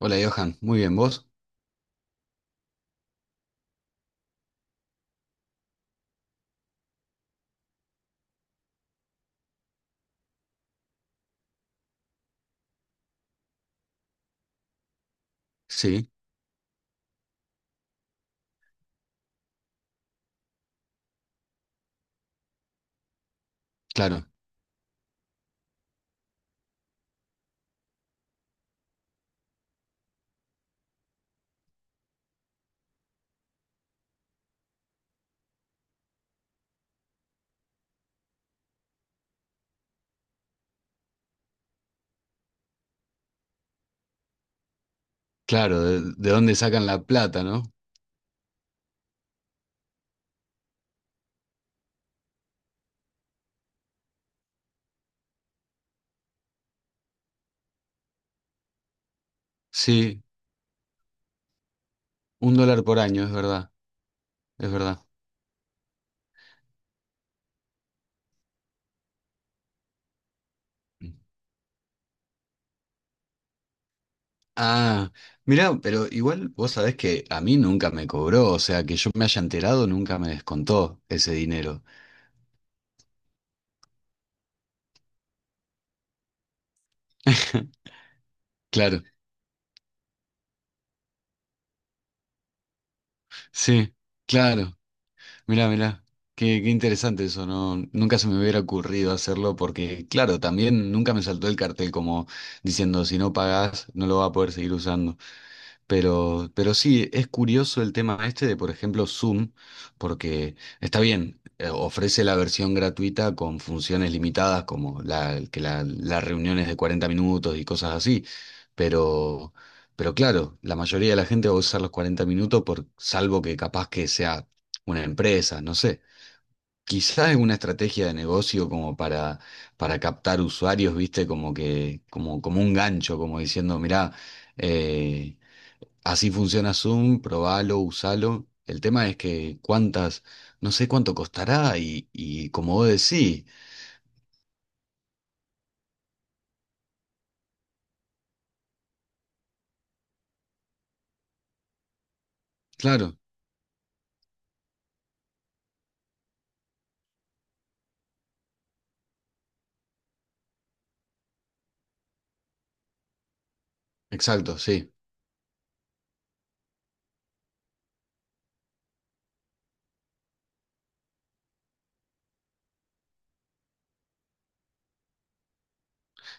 Hola Johan, muy bien, ¿vos? Sí, claro, claro, de dónde sacan la plata, ¿no? Sí, un dólar por año, es verdad, es verdad. Ah, mirá, pero igual vos sabés que a mí nunca me cobró, o sea, que yo me haya enterado nunca me descontó ese dinero. Claro, sí, claro, mirá, qué interesante eso, ¿no? Nunca se me hubiera ocurrido hacerlo porque, claro, también nunca me saltó el cartel como diciendo, si no pagás, no lo vas a poder seguir usando. Pero sí, es curioso el tema este de, por ejemplo, Zoom, porque está bien, ofrece la versión gratuita con funciones limitadas, como las reuniones de 40 minutos y cosas así, pero, pero claro, la mayoría de la gente va a usar los 40 minutos por, salvo que capaz que sea una empresa, no sé. Quizás es una estrategia de negocio como para captar usuarios, ¿viste? Como que, como, como un gancho, como diciendo, mirá, eh, así funciona Zoom, probalo, usalo. El tema es que cuántas, no sé cuánto costará y como vos decís, claro, exacto, sí.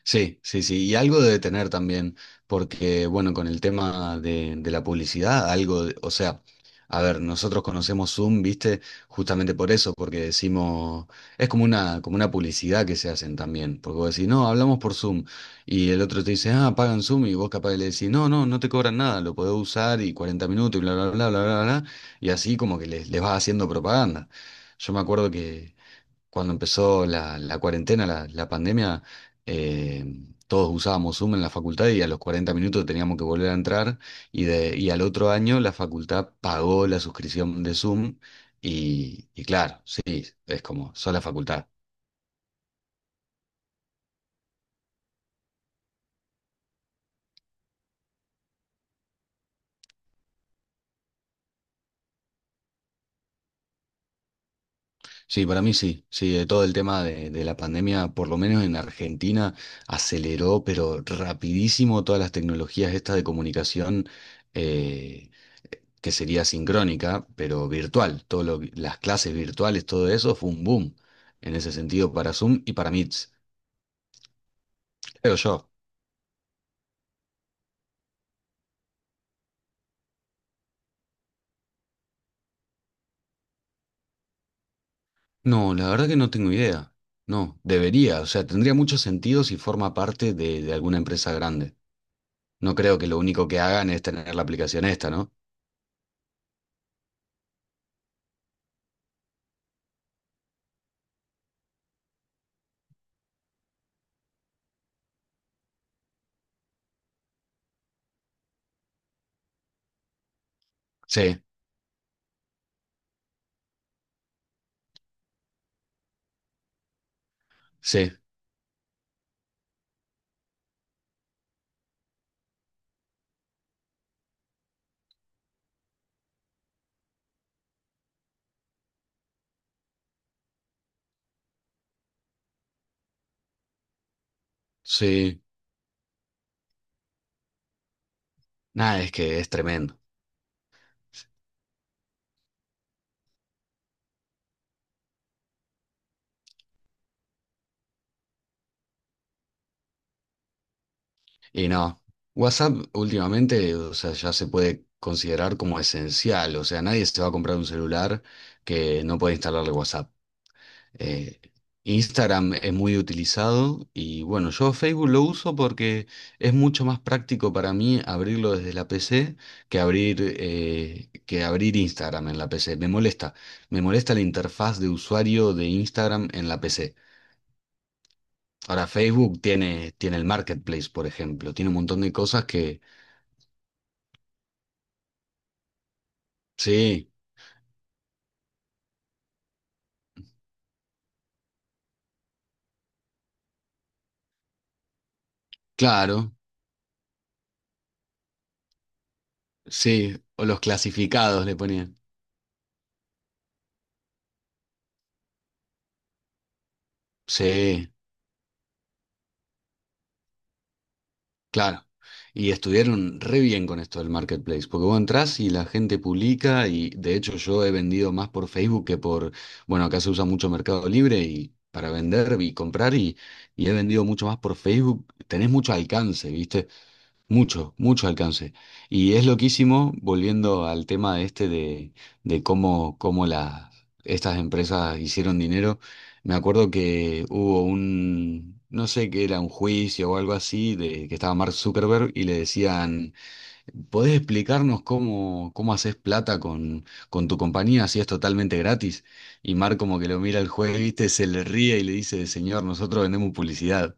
Sí, sí, sí, y algo debe tener también, porque bueno, con el tema de la publicidad, algo, de- o sea, a ver, nosotros conocemos Zoom, ¿viste? Justamente por eso, porque decimos, es como una publicidad que se hacen también, porque vos decís, no, hablamos por Zoom, y el otro te dice, ah, pagan Zoom, y vos capaz le decís, no, no, no te cobran nada, lo podés usar y 40 minutos y bla, bla, bla, bla, bla, bla, y así como que les vas haciendo propaganda. Yo me acuerdo cuando empezó la cuarentena, la pandemia, eh, todos usábamos Zoom en la facultad y a los 40 minutos teníamos que volver a entrar y, de, y al otro año la facultad pagó la suscripción de Zoom y claro, sí, es como, sola facultad. Sí, para mí sí, sí, de todo el tema de la pandemia, por lo menos en Argentina, aceleró, pero rapidísimo todas las tecnologías estas de comunicación. eh, que sería sincrónica, pero virtual. Todo lo que- las clases virtuales, todo eso fue un boom en ese sentido para Zoom y para Meets, creo yo. No, la verdad que no tengo idea. No, debería, o sea, tendría mucho sentido si forma parte de alguna empresa grande. No creo que lo único que hagan es tener la aplicación esta, ¿no? Sí, sí, sí. Nada, es que es tremendo. Y no, WhatsApp últimamente, o sea, ya se puede considerar como esencial, o sea, nadie se va a comprar un celular que no puede instalarle WhatsApp. Eh, Instagram es muy utilizado y bueno, yo Facebook lo uso porque es mucho más práctico para mí abrirlo desde la PC que abrir Instagram en la PC. Me molesta la interfaz de usuario de Instagram en la PC. Ahora, Facebook tiene, tiene el Marketplace, por ejemplo, tiene un montón de cosas que sí, claro, sí, o los clasificados le ponían. Sí, claro. Y estuvieron re bien con esto del marketplace, porque vos entrás y la gente publica y de hecho yo he vendido más por Facebook que por, bueno, acá se usa mucho Mercado Libre y para vender y comprar y he vendido mucho más por Facebook, tenés mucho alcance, ¿viste? Mucho, mucho alcance. Y es loquísimo, volviendo al tema de este de cómo, cómo las, estas empresas hicieron dinero. Me acuerdo que hubo un, no sé qué era, un juicio o algo así, de que estaba Mark Zuckerberg y le decían, ¿podés explicarnos cómo, cómo haces plata con tu compañía si es totalmente gratis? Y Mark como que lo mira al juez, viste, se le ríe y le dice, señor, nosotros vendemos publicidad.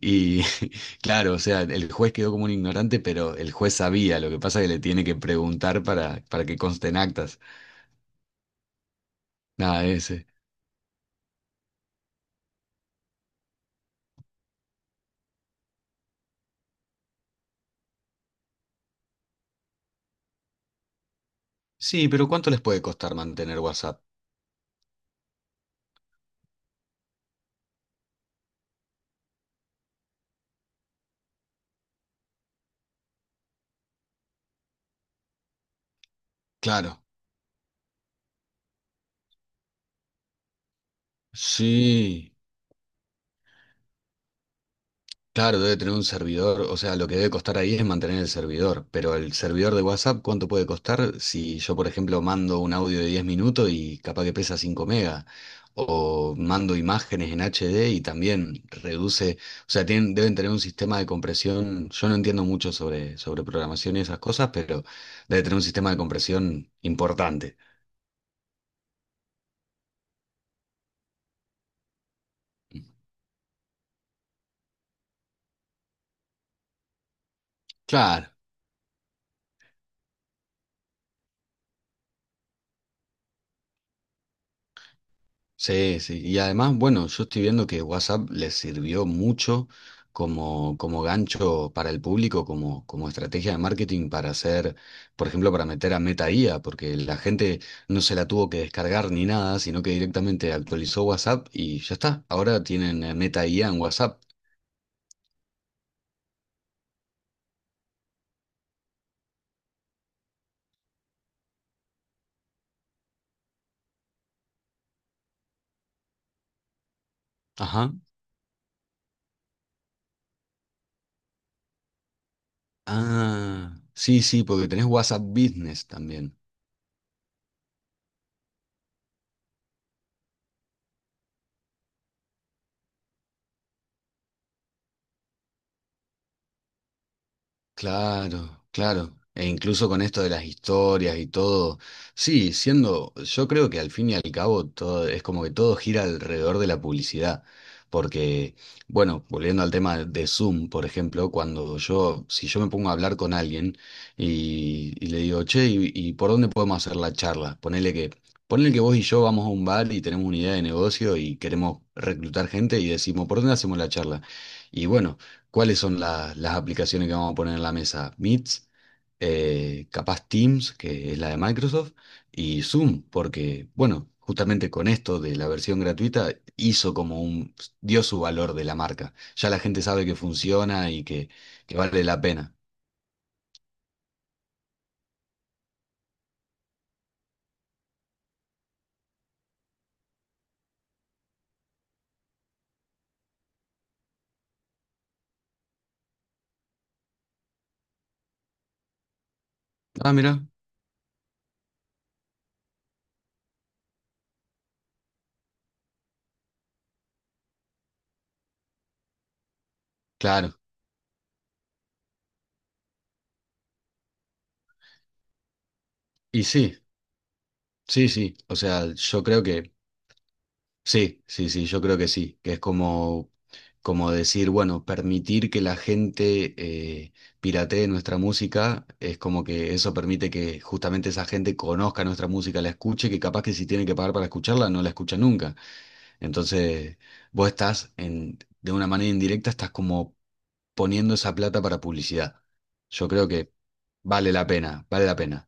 Y claro, o sea, el juez quedó como un ignorante, pero el juez sabía, lo que pasa es que le tiene que preguntar para que consten actas. Nada, ese. Sí, pero ¿cuánto les puede costar mantener WhatsApp? Claro. Sí. Claro, debe tener un servidor, o sea, lo que debe costar ahí es mantener el servidor, pero el servidor de WhatsApp, ¿cuánto puede costar si yo, por ejemplo, mando un audio de 10 minutos y capaz que pesa 5 megas? O mando imágenes en HD y también reduce, o sea, tienen, deben tener un sistema de compresión, yo no entiendo mucho sobre, sobre programación y esas cosas, pero debe tener un sistema de compresión importante. Claro. Sí, sí. Y además, bueno, yo estoy viendo que WhatsApp les sirvió mucho como, como gancho para el público, como, como estrategia de marketing para hacer, por ejemplo, para meter a Meta IA, porque la gente no se la tuvo que descargar ni nada, sino que directamente actualizó WhatsApp y ya está. Ahora tienen Meta IA en WhatsApp. Ajá. Ah, sí, sí, porque tenés WhatsApp Business también. Claro, claro. E incluso con esto de las historias y todo, sí, siendo, yo creo que al fin y al cabo todo, es como que todo gira alrededor de la publicidad. Porque, bueno, volviendo al tema de Zoom, por ejemplo, cuando yo, si yo me pongo a hablar con alguien y le digo, che, ¿y por dónde podemos hacer la charla? Ponele que vos y yo vamos a un bar y tenemos una idea de negocio y queremos reclutar gente y decimos, ¿por dónde hacemos la charla? Y bueno. ¿Cuáles son la- las aplicaciones que vamos a poner en la mesa? Meets, capaz Teams, que es la de Microsoft, y Zoom, porque, bueno, justamente con esto de la versión gratuita hizo como un, dio su valor de la marca. Ya la gente sabe que funciona y que vale la pena. Ah, mira, claro. Y sí, sí, sí. O sea, yo creo que sí, sí, sí, yo creo que sí, que es como, como decir, bueno, permitir que la gente eh, piratee nuestra música, es como que eso permite que justamente esa gente conozca nuestra música, la escuche, que capaz que si tiene que pagar para escucharla, no la escucha nunca. Entonces, vos estás en, de una manera indirecta, estás como poniendo esa plata para publicidad. Yo creo que vale la pena, vale la pena.